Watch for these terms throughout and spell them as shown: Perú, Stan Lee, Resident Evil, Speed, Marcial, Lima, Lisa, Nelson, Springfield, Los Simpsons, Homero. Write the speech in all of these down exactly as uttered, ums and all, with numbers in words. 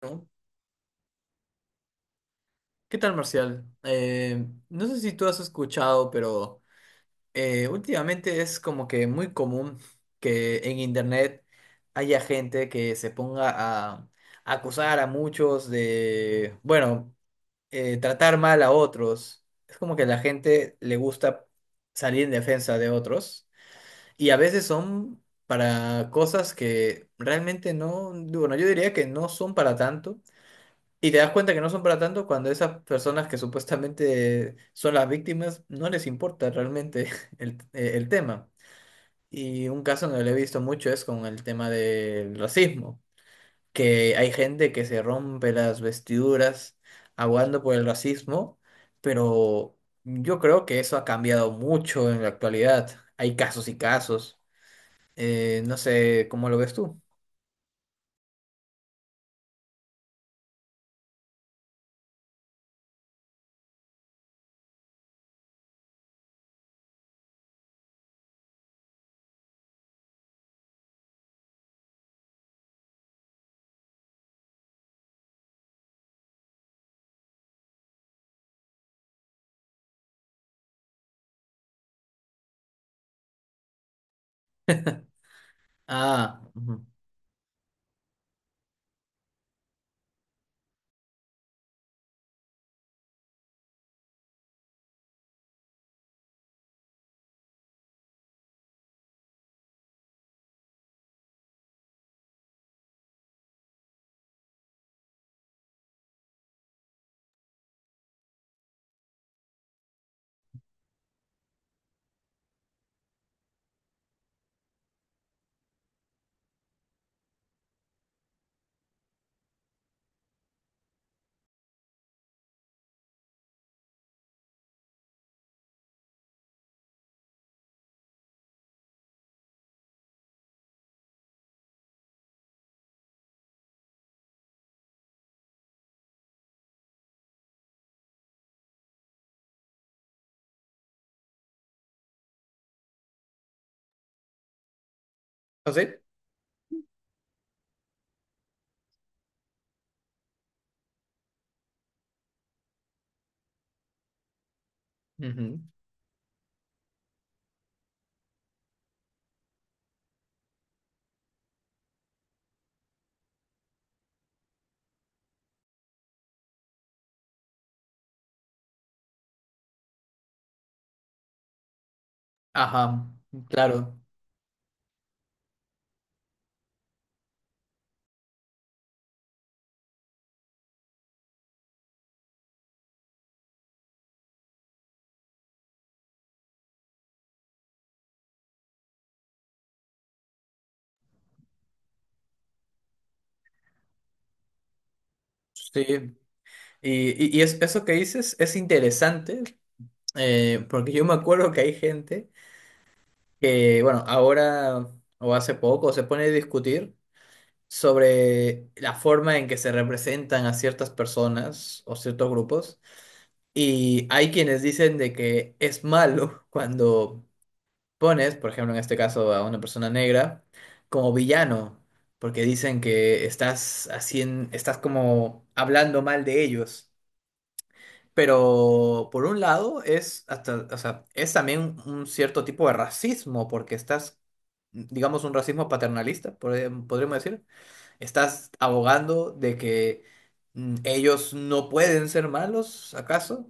¿No? ¿Qué tal, Marcial? Eh, no sé si tú has escuchado, pero eh, últimamente es como que muy común que en internet haya gente que se ponga a, a acusar a muchos de, bueno, eh, tratar mal a otros. Es como que a la gente le gusta salir en defensa de otros y a veces son para cosas que realmente no, bueno, yo diría que no son para tanto. Y te das cuenta que no son para tanto cuando esas personas que supuestamente son las víctimas no les importa realmente el, eh, el tema. Y un caso donde lo he visto mucho es con el tema del racismo, que hay gente que se rompe las vestiduras aguando por el racismo, pero yo creo que eso ha cambiado mucho en la actualidad. Hay casos y casos. Eh, no sé cómo lo ves tú. Ah, ujú. ¿Ah, sí? Ujú. Ajá, claro. Sí, Y, y- y es- eso que dices es interesante, eh, porque yo me acuerdo que hay gente que, bueno, ahora o hace poco se pone a discutir sobre la forma en que se representan a ciertas personas o ciertos grupos, y hay quienes dicen de que es malo cuando pones, por ejemplo, en este caso a una persona negra, como villano, porque dicen que estás haciendo, estás como hablando mal de ellos. Pero por un lado es hasta, o sea, es también un cierto tipo de racismo, porque estás, digamos, un racismo paternalista, podríamos podríamos decir. Estás abogando de que mm, ellos no pueden ser malos, ¿acaso?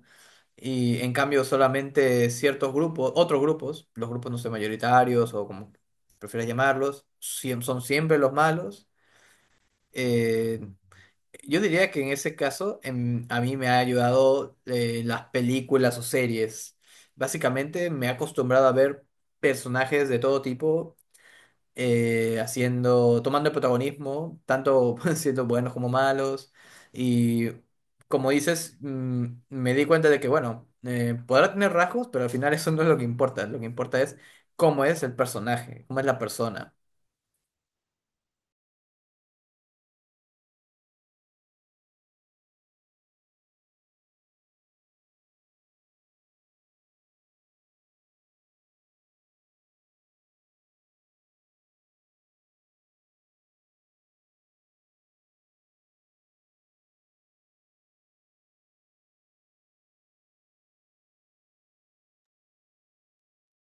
Y en cambio solamente ciertos grupos, otros grupos, los grupos no sé, mayoritarios o como prefieras llamarlos, siem- son siempre los malos. Eh, yo diría que en ese caso em, a mí me ha ayudado eh, las películas o series. Básicamente me he acostumbrado a ver personajes de todo tipo eh, haciendo, tomando el protagonismo, tanto siendo buenos como malos. Y como dices, mm, me di cuenta de que, bueno, eh, podrá tener rasgos, pero al final eso no es lo que importa. Lo que importa es cómo es el personaje, cómo es la persona.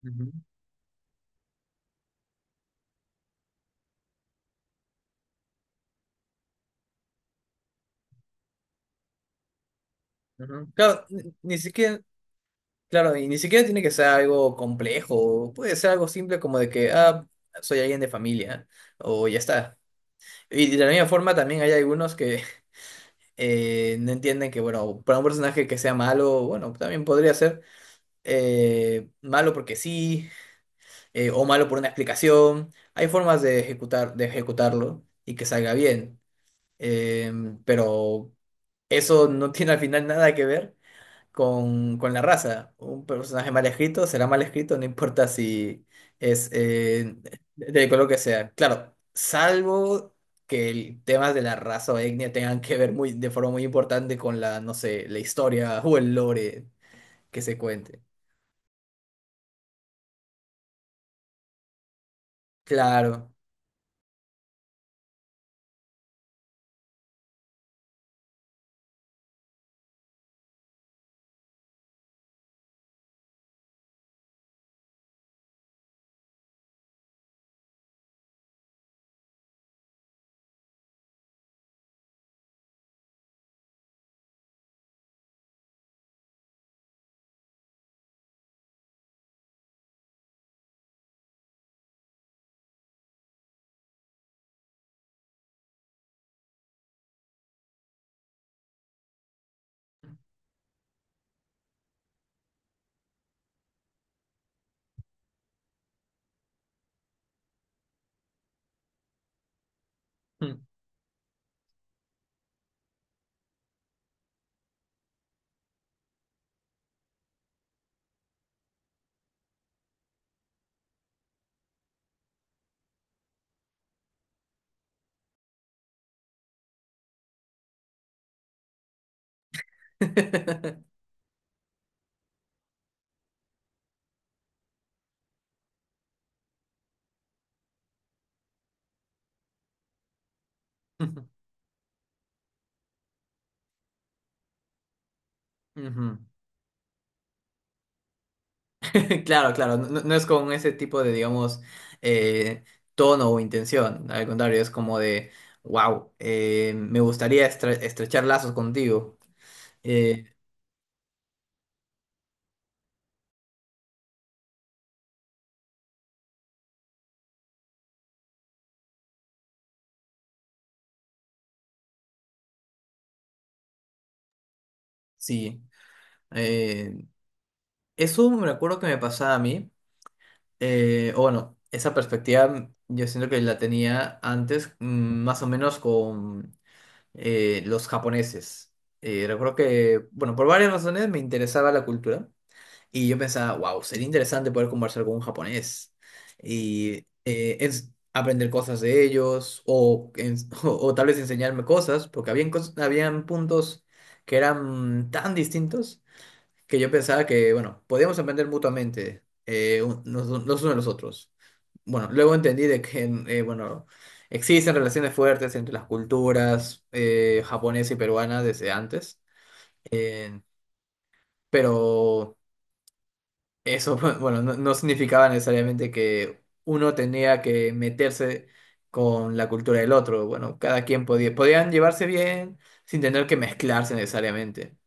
Ujú, ujú. Claro, ni ni siquiera. Claro, y ni siquiera tiene que ser algo complejo, puede ser algo simple como de que, ah, soy alguien de familia, o ya está. Y de la misma forma también hay algunos que eh, no entienden que, bueno, para un personaje que sea malo, bueno, también podría ser eh, malo porque sí, eh, o malo por una explicación. Hay formas de ejecutar, de ejecutarlo y que salga bien. Em, pero eso no tiene al final nada que ver con, con la raza. Un personaje mal escrito será mal escrito, no importa si es eh, del color que sea. Claro, salvo que el tema de la raza o etnia tengan que ver muy, de forma muy importante con la, no sé, la historia o el lore que se cuente. Claro. Ujú. Claro, claro, no, no no es con ese tipo de, digamos, eh, tono o intención, al contrario, es como de, wow, me gustaría estre- estrechar lazos contigo. Eh, sí, eh, eso me acuerdo que me pasaba a mí, eh, o bueno, esa perspectiva yo siento que la tenía antes, mm, más o menos con eh, los japoneses. Eh, recuerdo que, bueno, por varias razones me interesaba la cultura. Y yo pensaba, wow, sería interesante poder conversar con un japonés y eh, ens- aprender cosas de ellos o, ens- o, o tal vez enseñarme cosas, porque habían, cos- habían puntos que eran tan distintos que yo pensaba que, bueno, podíamos aprender mutuamente eh, un- los, los unos de los otros. Bueno, luego entendí de que, eh, bueno, existen relaciones fuertes entre las culturas eh, japonesa y peruana desde antes. eh, pero eso, bueno, no, no significaba necesariamente que uno tenía que meterse con la cultura del otro. Bueno, cada quien podía, podían llevarse bien sin tener que mezclarse necesariamente.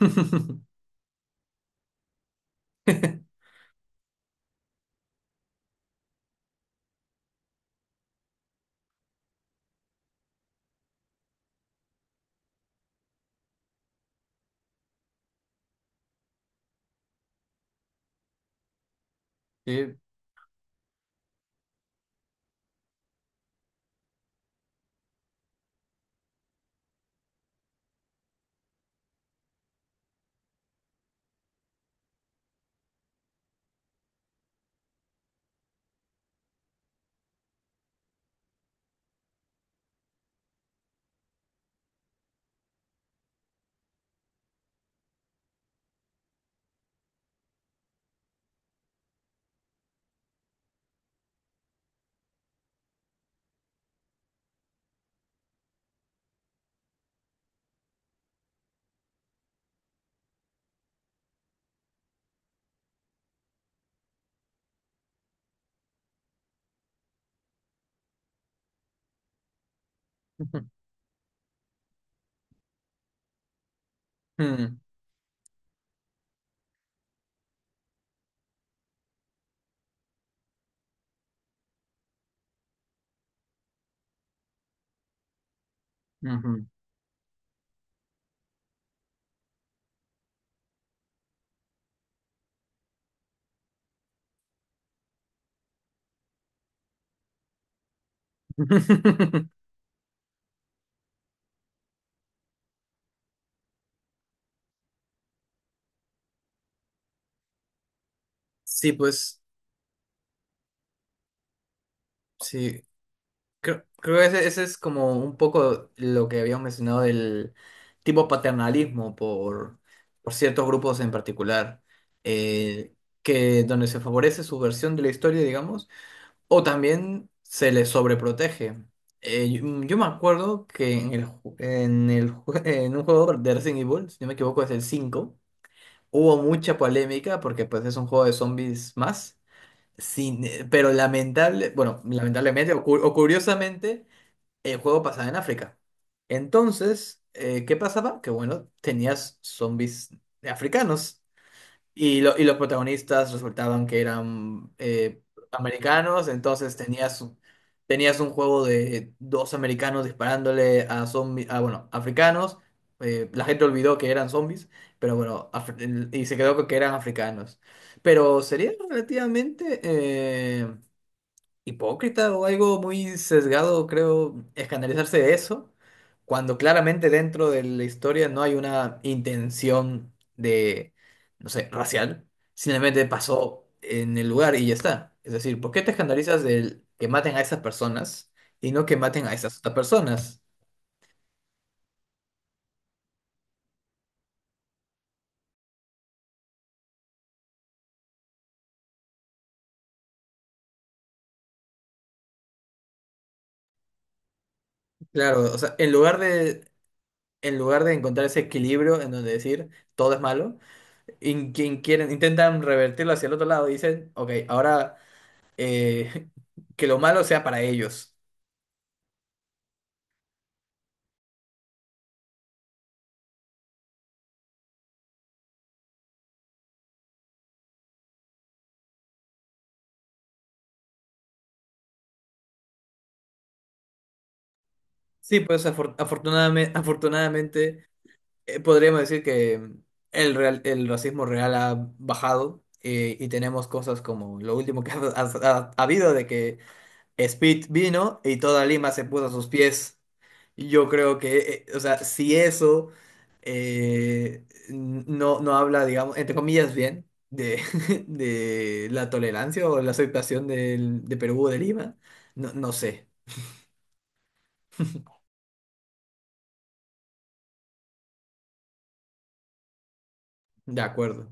Sí. Ujú. Mm, ujú. Sí, pues, sí. Creo, creo que ese, ese es como un poco lo que habíamos mencionado del tipo paternalismo por, por ciertos grupos en particular, eh, que donde se favorece su versión de la historia, digamos, o también se les sobreprotege. Eh, yo, mm, yo me acuerdo que en el, ju- en el, ju- en un juego de Resident Evil, si no me equivoco es el cinco, hubo mucha polémica porque pues es un juego de zombies más, sin, eh, pero lamentable, bueno, lamentablemente o cu- o curiosamente el juego pasaba en África. Entonces, eh, ¿qué pasaba? Que bueno, tenías zombies africanos y, lo- y los protagonistas resultaban que eran eh, americanos, entonces tenías, un- tenías un juego de dos americanos disparándole a zombies, a, bueno, africanos. Eh, la gente olvidó que eran zombies, pero bueno, af- y se quedó con que eran africanos. Pero sería relativamente... eh, hipócrita o algo muy sesgado, creo, escandalizarse de eso, cuando claramente dentro de la historia no hay una intención de, no sé, racial, simplemente pasó en el lugar y ya está. Es decir, ¿por qué te escandalizas del que maten a esas personas y no que maten a esas otras personas? Claro, o sea, en lugar de, en lugar de encontrar ese equilibrio en donde decir todo es malo, in- quien quieren, intentan revertirlo hacia el otro lado y dicen, ok, ahora... eh, que lo malo sea para ellos. Sí, pues afortunadamente, afortunadamente eh, podríamos decir que mm, el, real- el racismo real ha bajado, eh, y tenemos cosas como lo último que ha, ha- ha habido de que Speed vino y toda Lima se puso a sus pies. Yo creo que, eh, o sea, si eso eh, n- no, no habla, digamos, entre comillas, bien de, de la tolerancia o la aceptación del- de Perú o de Lima, no, no sé, de acuerdo.